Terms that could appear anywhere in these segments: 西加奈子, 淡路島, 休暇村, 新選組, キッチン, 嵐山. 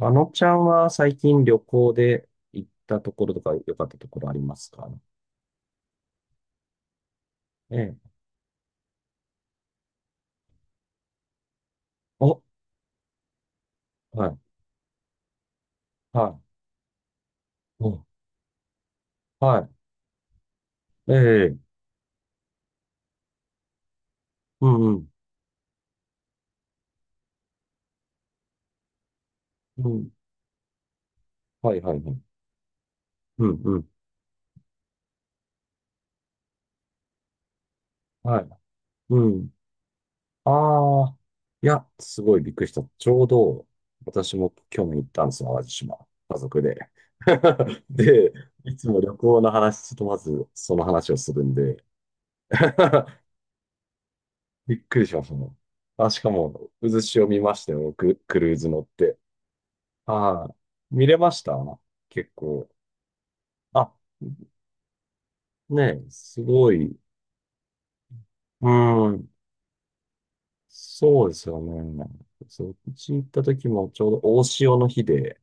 あのちゃんは最近旅行で行ったところとか良かったところありますかね。ええ。お、はい、はい、お、はい、ええ、うん、うん、うん、はい、はい、はい、うん、うん、はい、うん。ああ、いや、すごいびっくりした。ちょうど、私も去年行ったんですよ、淡路島。家族で。で、いつも旅行の話とまずその話をするんで。 びっくりしましたね。あ、しかも、渦潮見ましたよ、僕、クルーズ乗って。はい。見れました結構。あ、ねえ、すごい。うん。そうですよね。そう、うち行った時もちょうど大潮の日で、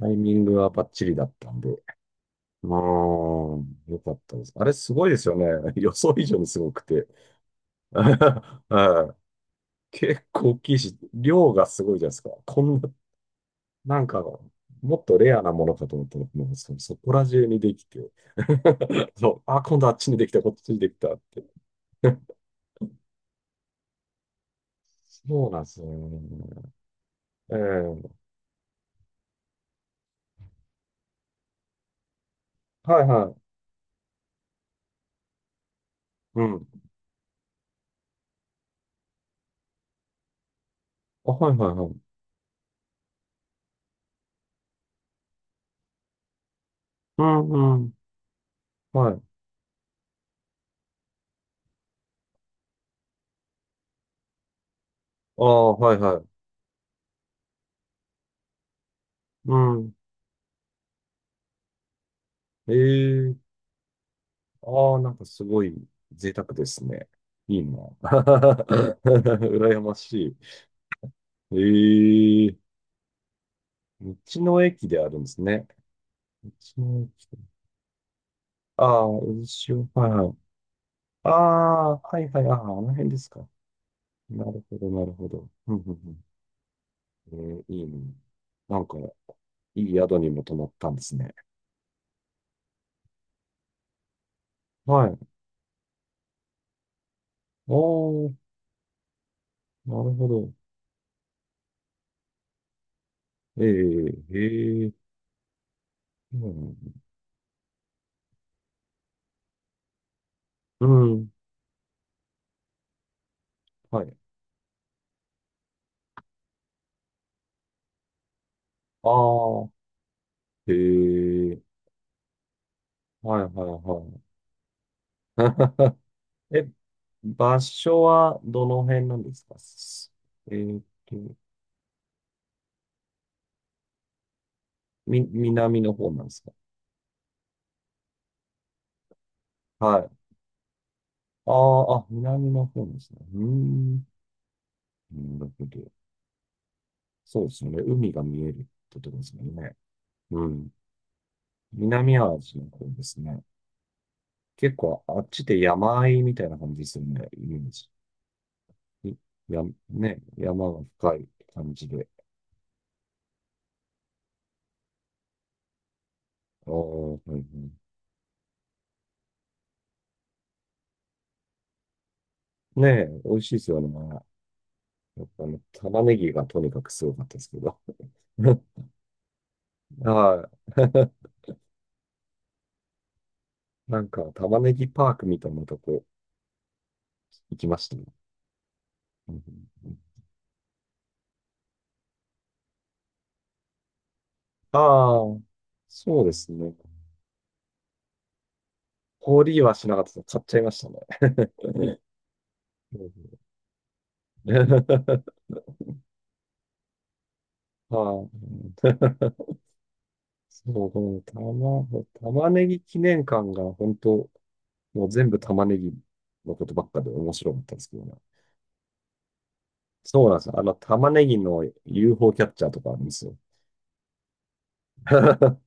タイミングはバッチリだったんで。うーん、よかったです。あれすごいですよね。予想以上にすごくて。はい。結構大きいし、量がすごいじゃないですか。こんななんか、もっとレアなものかと思ったら、もそ、そこら中にできて、そう、あ、今度あっちにできた、こっちにできたって。そうなんですよね。ええ、はいはい。うん。あ、はいはいはい。うんうん。はい。ああ、はいはい。うん。ええ、ああ、なんかすごい贅沢ですね。いいな。羨ましい。ええ、道の駅であるんですね。道の駅。ああ、うしはいはい。ああ、はいはい、ああ、あの辺ですか。なるほど、なるほど。うんうんうん。えー、いいね。なんか、いい宿にも泊まったんですね。はい。ああ、なるほど。ええ、ええ、うん。うん、はい。ああ、ええ、はいはいはい。え、場所はどの辺なんですかえーっと、み、南の方なんですか？はい。ああ、あ、南の方なんですね。うーん。なるほど。そうですね。海が見えるってことですもんね。うん。南アジアの方ですね。結構あっちで山あいみたいな感じですよね。イメージ。いや、ね、山が深い感じで。ああ、はいはい。ねえ、美味しいですよね。やっぱね、玉ねぎがとにかくすごかったですけど。はい。なんか、玉ねぎパークみたいなとこ行きましたね。うん。ああ、そうですね。氷はしなかったです買っちゃいましたね。うん。 はい。そう、この玉、玉ねぎ記念館が本当、もう全部玉ねぎのことばっかで面白かったんですけどね。そうなんですよ。あの、玉ねぎの UFO キャッチャーとかあるんですよ。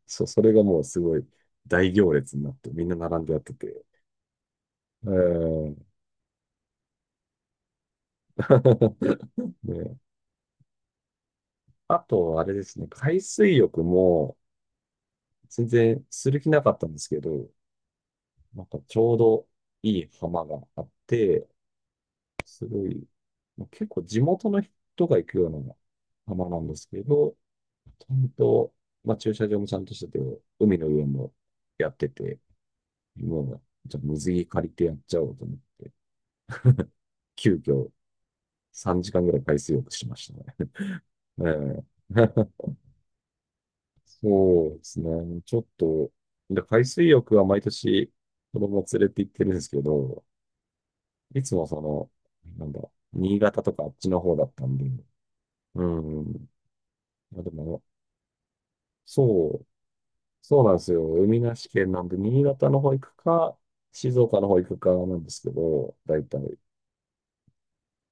そう、それがもうすごい大行列になってみんな並んでやってて。えー。 ね、あと、あれですね、海水浴も全然する気なかったんですけど、なんかちょうどいい浜があって、すごい、まあ結構地元の人が行くような浜なんですけど、ちゃんと、まあ、駐車場もちゃんとしてて、海の上もやってて、もう、じゃあ水着借りてやっちゃおうと思って、急遽3時間ぐらい海水浴しましたね。ええ。 そうですね。ちょっと、で、海水浴は毎年子供連れて行ってるんですけど、いつもその、なんだ、新潟とかあっちの方だったんで、うん、まあでも、そうそうなんですよ。海なし県なんで、新潟の方行くか、静岡の方行くかなんですけど、大体。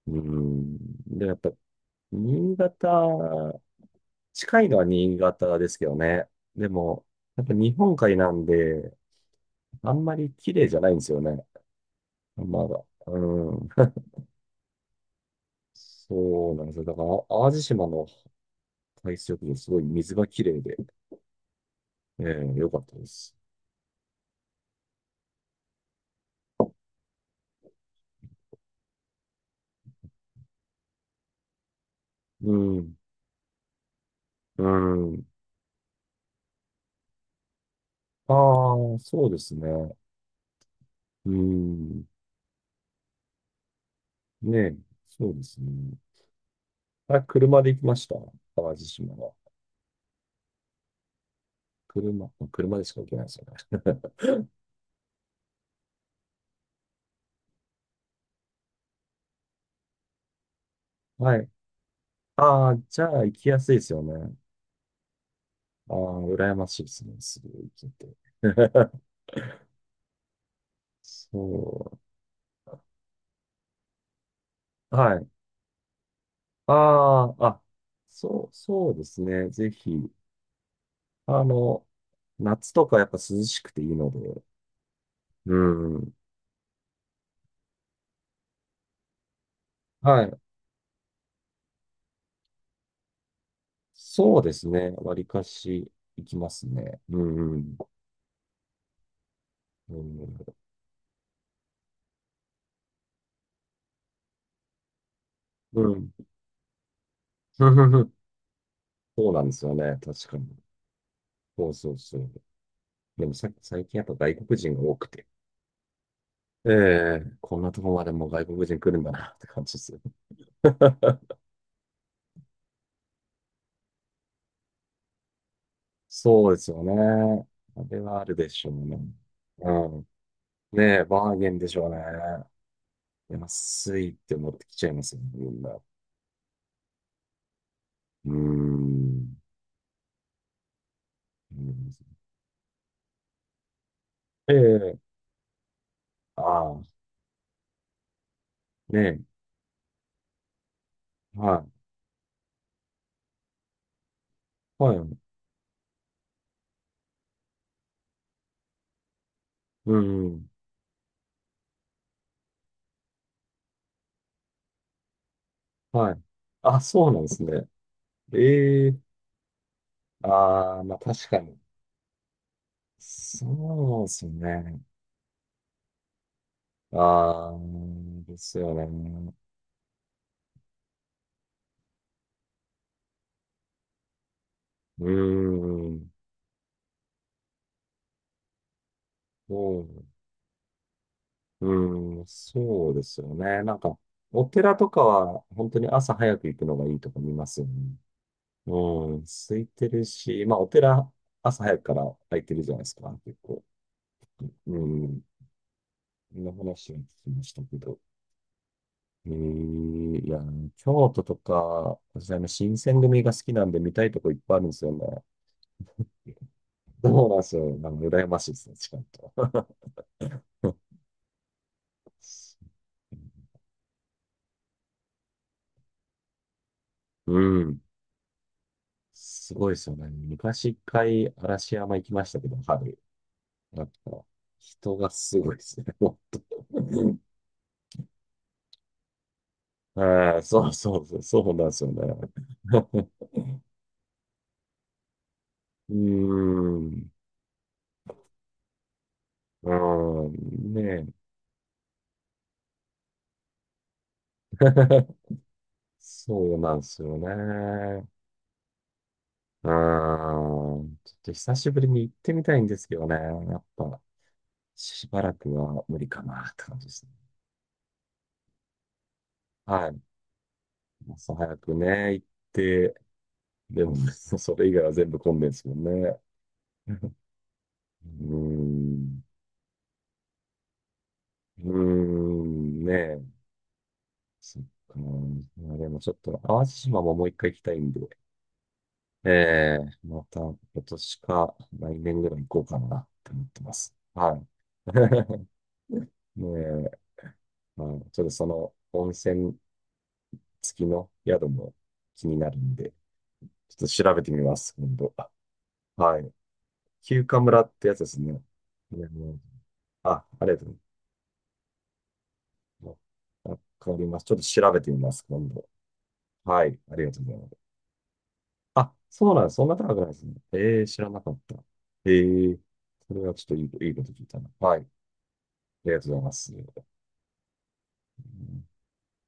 うん。で、やっぱ、新潟、近いのは新潟ですけどね。でも、やっぱ日本海なんで、あんまり綺麗じゃないんですよね。まだ。うん。そうなんですよ。だから、淡路島の海水浴場、すごい水が綺麗で、ええ、良かったです。うん。うん。ああ、そうですね。うん。ねえ、そうですね。あ、車で行きました。淡路島は。車、まあ車でしか行けないですよね。はい。ああ、じゃあ行きやすいですよね。ああ、羨ましいですね。すぐ行けて。そう。はい。ああ、あ、そうですね。ぜひ。あの、夏とかやっぱ涼しくていいので。うん。はい。そうですね。わりかし行きますね。うんうん。うん。うん。そうなんですよね。確かに。そうそうそう。でもさ、最近やっぱ外国人が多くて。ええ、こんなとこまでもう外国人来るんだなって感じです。 そうですよね。あれはあるでしょうね。うん。ねえ、バーゲンでしょうね。安いって思ってきちゃいますよね、みんな。うーん。うん、ええ、ああ、ねえ、はい、はい、うん、はい。あ、そうなんですね。ええ、ああ、まあ確かに。そうですね。ああ、ですよね。うーん、そう、うーん、そうですよね。なんか、お寺とかは、本当に朝早く行くのがいいとか見ますよね。うん、空いてるし、まあ、お寺、朝早くから空いてるじゃないですか、結構。うん、そんな話を聞きましたけど。えー、いや、京都とか、私、あの、新選組が好きなんで見たいとこいっぱいあるんですよね。そうなんですよ。なんか羨ましいですね、近いと。うん。すごいですよね。昔一回嵐山行きましたけど、春。なんか、人がすごいですね。もう。 はい、そうそうそう、そうなんですよね。うーん。うーん。ねえ。そうなんですよね。うーん。ちょっと久しぶりに行ってみたいんですけどね。やっぱ、しばらくは無理かなって感じですね。はい。朝早くね、行って、でもね、それ以外は全部混んでるんですもんね。うーん、うーん、ねえ、そっか。まあでもちょっと、淡路島ももう一回行きたいんで、ええ、また今年か来年ぐらい行こうかなって思ってます。はい。ねえ、まあ、ちょっとその温泉付きの宿も気になるんで、ちょっと調べてみます、今度。はい。休暇村ってやつですね。ね、あ、ありがとうございます。あ、わかります。ちょっと調べてみます、今度。はい、ありがとうございます。あ、そうなんです。そんな高くないですね。えー、知らなかった。えー、それはちょっといいこと聞いたな。はい、ありがとうございます。うん